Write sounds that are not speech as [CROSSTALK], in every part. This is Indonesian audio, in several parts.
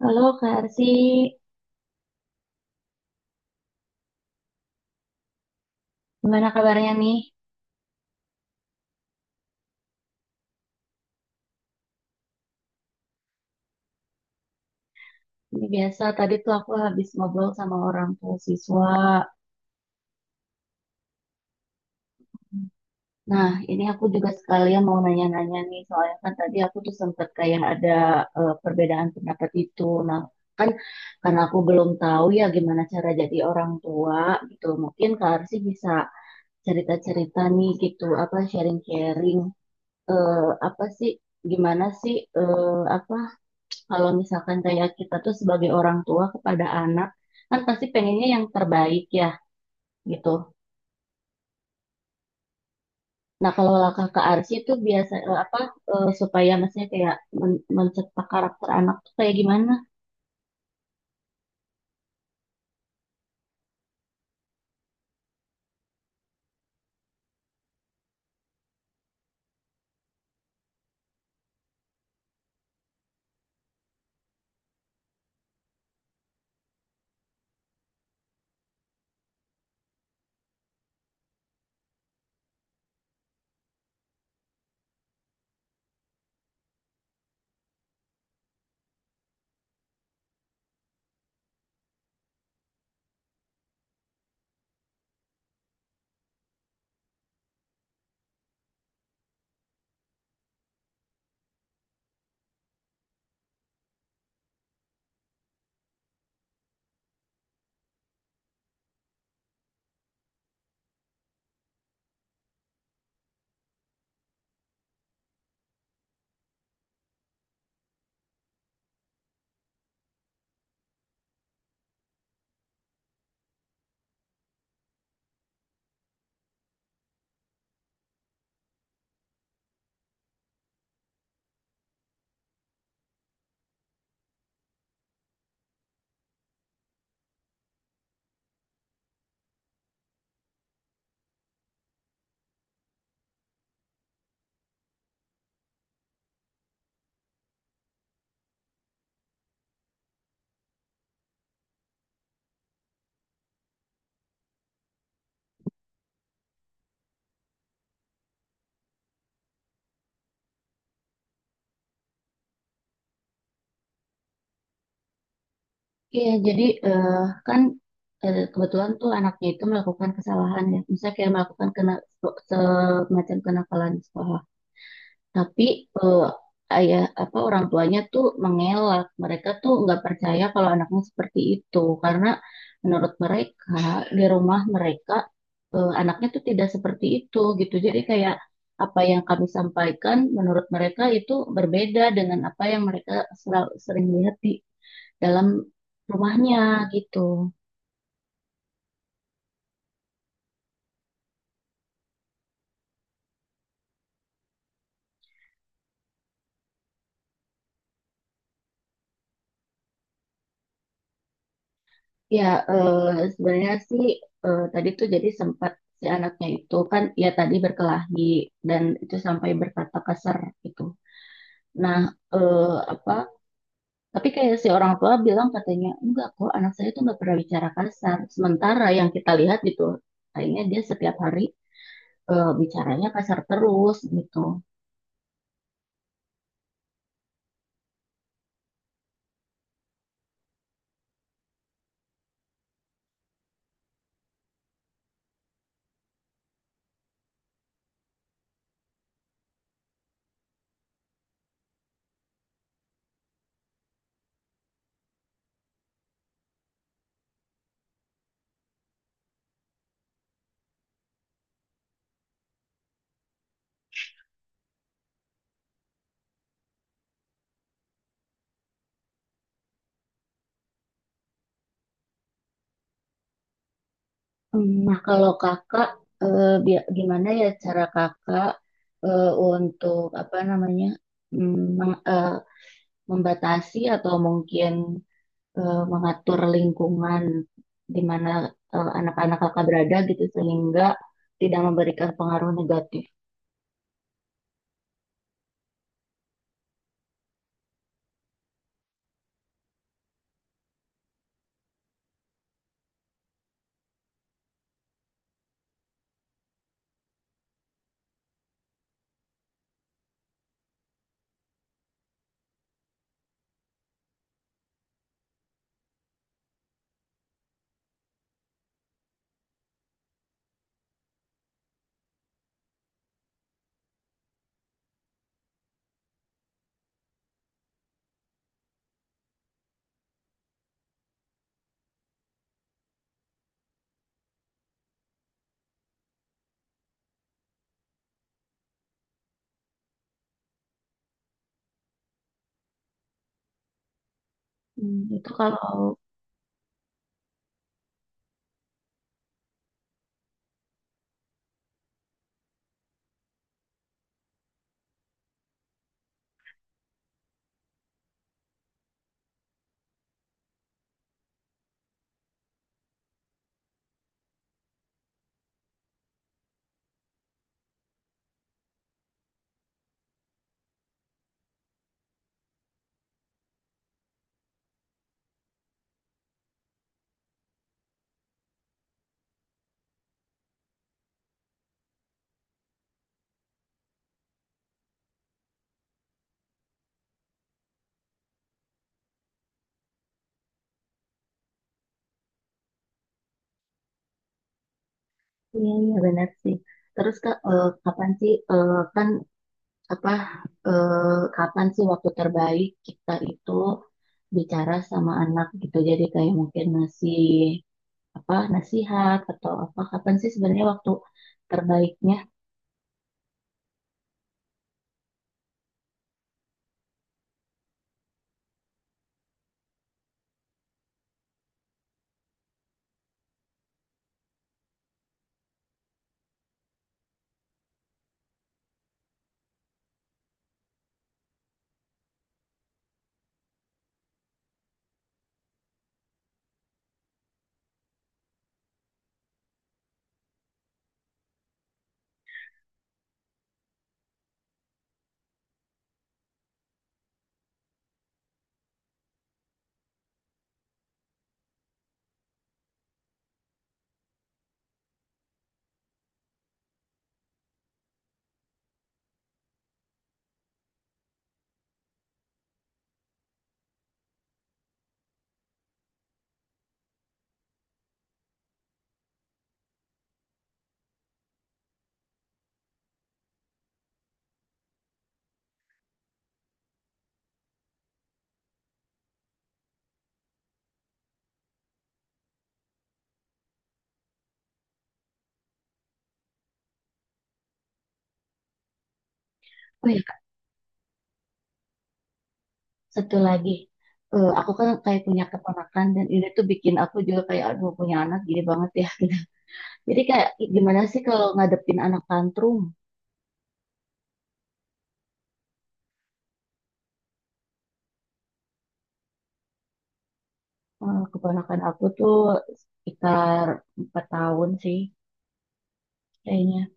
Halo Kak Arsi, gimana kabarnya nih? Ini biasa, tadi tuh aku habis ngobrol sama orang tua siswa. Nah, ini aku juga sekalian mau nanya-nanya nih, soalnya kan tadi aku tuh sempet kayak ada perbedaan pendapat itu. Nah, kan karena aku belum tahu ya gimana cara jadi orang tua gitu. Mungkin Kak Arsi bisa cerita-cerita nih gitu, apa sharing-sharing, eh, apa sih, gimana sih, apa kalau misalkan kayak kita tuh sebagai orang tua kepada anak kan pasti pengennya yang terbaik ya gitu. Nah kalau langkah ke Arsy itu biasa apa supaya maksudnya kayak mencetak karakter anak tuh kayak gimana? Iya jadi kan kebetulan tuh anaknya itu melakukan kesalahan ya, misalnya kayak melakukan kena semacam kenakalan di sekolah. Tapi eh, ayah apa orang tuanya tuh mengelak. Mereka tuh nggak percaya kalau anaknya seperti itu karena menurut mereka di rumah mereka anaknya tuh tidak seperti itu gitu. Jadi kayak apa yang kami sampaikan menurut mereka itu berbeda dengan apa yang mereka sering lihat di dalam rumahnya gitu. Ya, sebenarnya sih tadi tuh jadi sempat si anaknya itu kan ya tadi berkelahi dan itu sampai berkata kasar gitu. Nah, eh, apa? Tapi kayak si orang tua bilang katanya enggak kok anak saya tuh nggak pernah bicara kasar. Sementara yang kita lihat gitu, kayaknya dia setiap hari bicaranya kasar terus gitu. Hmm. Nah, kalau kakak gimana ya cara kakak untuk apa namanya? mm, meng- eh, membatasi atau mungkin mengatur lingkungan di mana anak-anak kakak berada gitu sehingga tidak memberikan pengaruh negatif. Hmm, itu kalau iya, iya benar sih. Terus kak kapan sih kan apa eh, kapan sih waktu terbaik kita itu bicara sama anak gitu. Jadi kayak mungkin masih apa nasihat atau apa kapan sih sebenarnya waktu terbaiknya? Oh ya, satu lagi, aku kan kayak punya keponakan dan ini tuh bikin aku juga kayak aduh punya anak gini banget ya. [LAUGHS] gitu. Jadi kayak gimana sih kalau ngadepin anak tantrum? Eh, keponakan aku tuh sekitar 4 tahun sih kayaknya.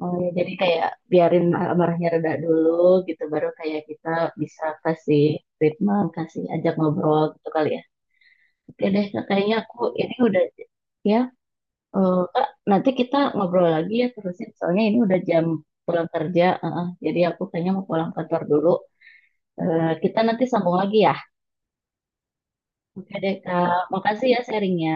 Oh ya, jadi kayak biarin marahnya reda dulu gitu, baru kayak kita bisa kasih treatment, kasih ajak ngobrol gitu kali ya. Oke deh, kayaknya aku ini udah ya. Eh, Kak, nanti kita ngobrol lagi ya terusin. Soalnya ini udah jam pulang kerja. Eh. Jadi aku kayaknya mau pulang kantor dulu. Eh, kita nanti sambung lagi ya. Oke deh, Kak. Makasih ya sharingnya.